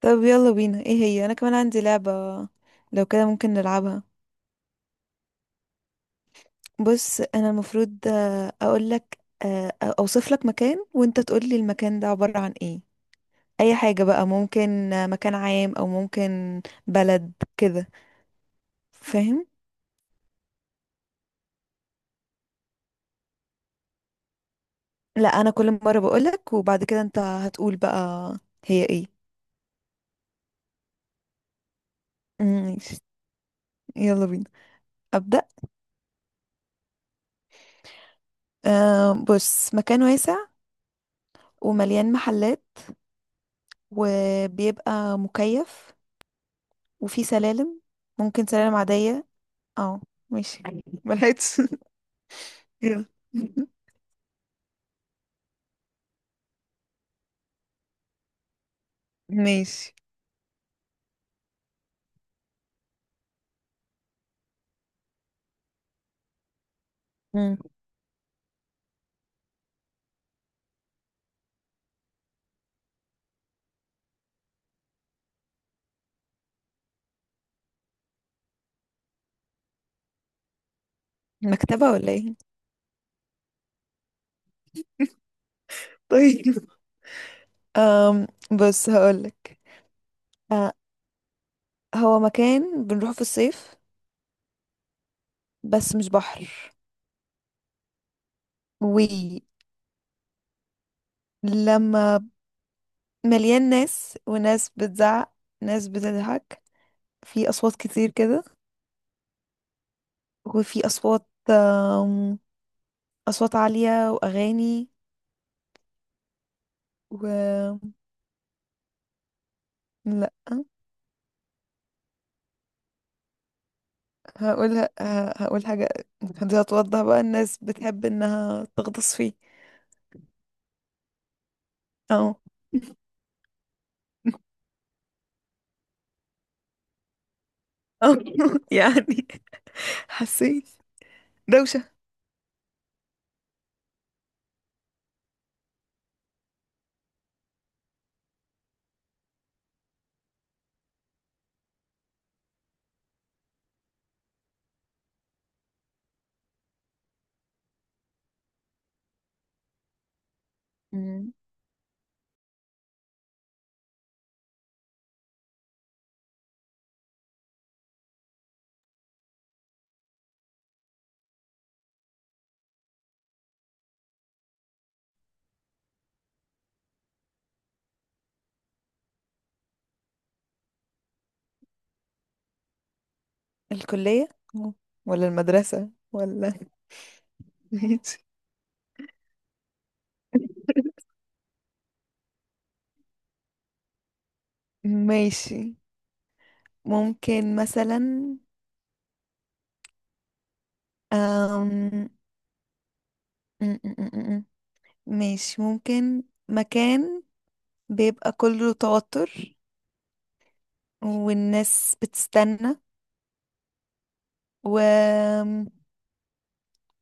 طب يلا بينا، ايه هي؟ انا كمان عندي لعبة. لو كده ممكن نلعبها. بص انا المفروض اقول لك. اوصف لك مكان وانت تقول لي المكان ده عبارة عن ايه. اي حاجة بقى، ممكن مكان عام او ممكن بلد كده. فاهم؟ لا، انا كل مرة بقول لك وبعد كده انت هتقول بقى هي ايه. ماشي، يلا بينا، ابدأ. أه بص، مكان واسع ومليان محلات وبيبقى مكيف وفي سلالم. ممكن سلالم عادية. اه. ماشي. ملحقتش يلا. ماشي. مم. مكتبة ولا ايه؟ طيب. أم بص هقولك. أه، هو مكان بنروحه في الصيف بس مش بحر. ولما مليان ناس وناس بتزعق، ناس بتضحك، في أصوات كتير كده. وفي أصوات أم، أصوات عالية وأغاني. و لا. هقول ه- هقول حاجة دي هتوضح بقى. الناس بتحب انها تغطس فيه. اه. اه، يعني حسيت دوشة. مم. الكلية. مم. ولا المدرسة ولا ماشي. ماشي ممكن مثلا أم... م- م- م- م. ماشي ممكن مكان بيبقى كله توتر، والناس بتستنى، و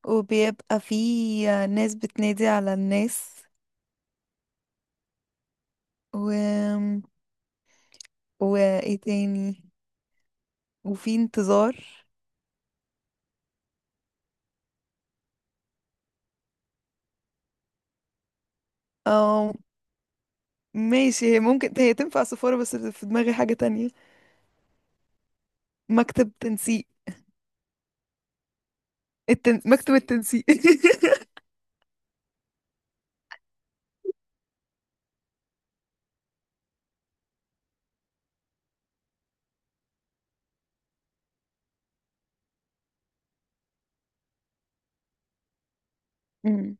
وبيبقى فيه ناس بتنادي على الناس. و... وايه تاني؟ وفي انتظار. اه، ماشي. هي ممكن هي تنفع سفارة بس في دماغي حاجة تانية. مكتب تنسيق. مكتب التنسيق. مم.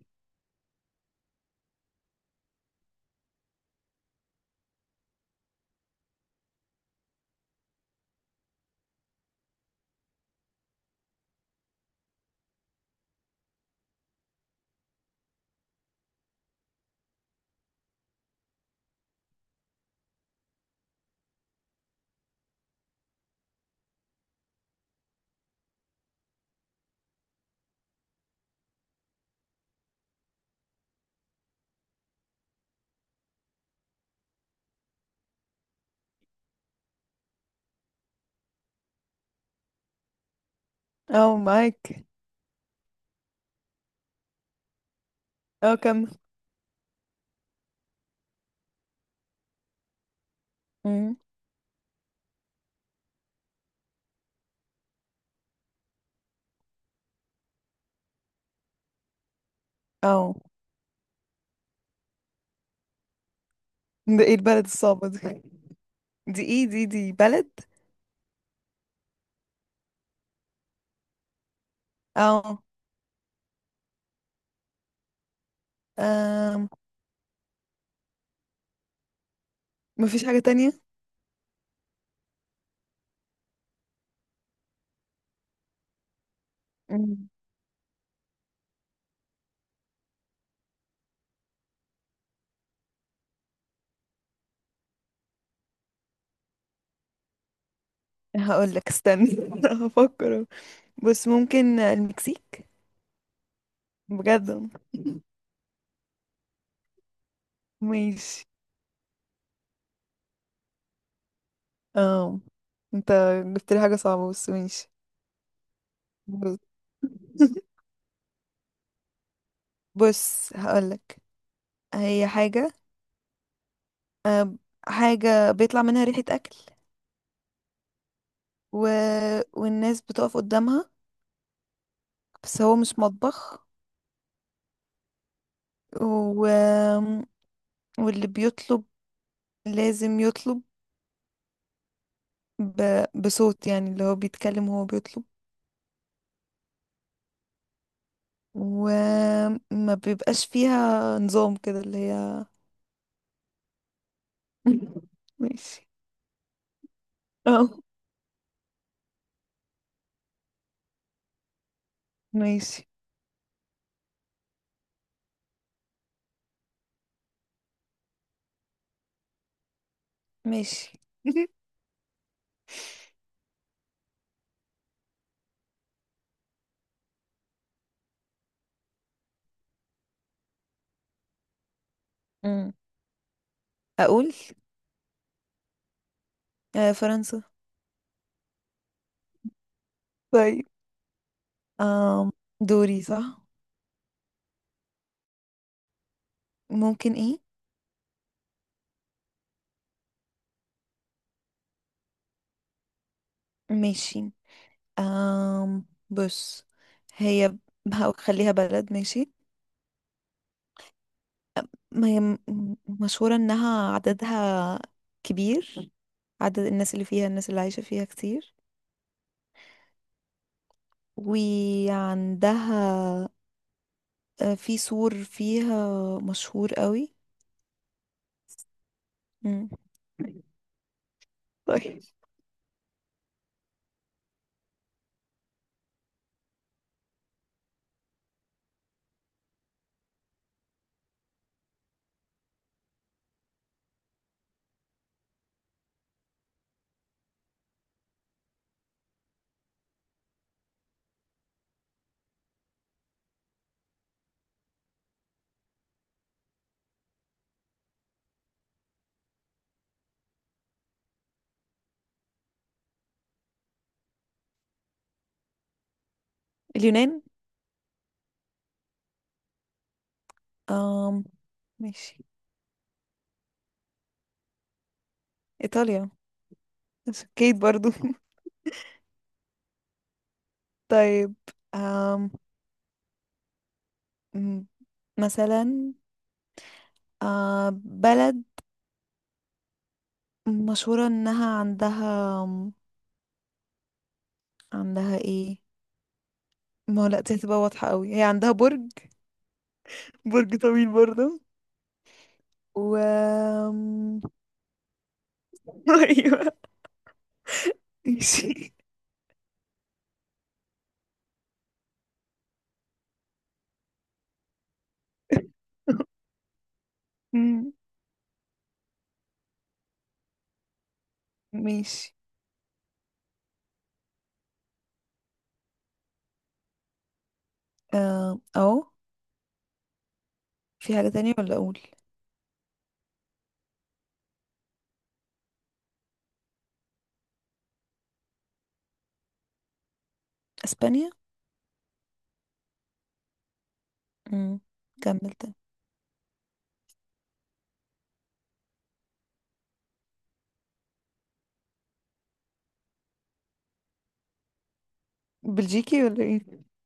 اه، معاك. اه، كمل. مم. اه. ده ايه البلد الصعبة دي؟ دي ايه؟ دي بلد؟ اه. آم، مفيش حاجة تانية. مم. هقولك استنى. هفكر. بس ممكن المكسيك؟ بجد. ماشي. اه، انت جبت لي حاجة صعبة بس ماشي. بص. بص هقولك. هي حاجة. حاجة بيطلع منها ريحة أكل. و... والناس بتقف قدامها بس هو مش مطبخ. و... واللي بيطلب لازم يطلب ب... بصوت، يعني اللي هو بيتكلم وهو بيطلب. وما بيبقاش فيها نظام كده اللي هي. ماشي. اه. ماشي. ماشي. امم اقول فرنسا. طيب. آم دوري صح. ممكن ايه؟ ماشي. بص. هي ب- هخليها بلد، ماشي. ما هي مشهورة انها عددها كبير. عدد الناس اللي فيها، الناس اللي عايشة فيها كتير. وعندها في سور فيها مشهور قوي. مم. طيب اليونان. آم ماشي. ايطاليا. كيت برضو طيب. آم، م- مثلا بلد مشهورة انها عندها. عندها ايه؟ ما هو لا، دي هتبقى واضحة قوي. هي عندها برج. برج طويل برضه. و آم، ايوه. ماشي. مم، ماشي. اهو. في حاجة تانية ولا اقول؟ اسبانيا. مم، كمل تاني. بلجيكي ولا ايه؟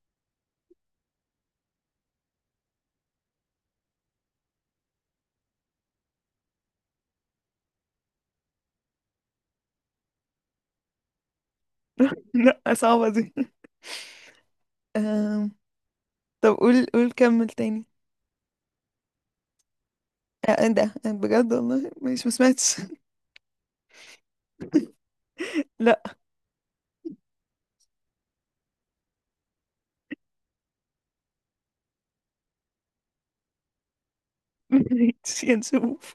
لا صعبة دي. آم، طب قول قول كمل تاني. ايه ده بجد؟ والله ماشي، ما سمعتش. لا. ماشي، هنشوف.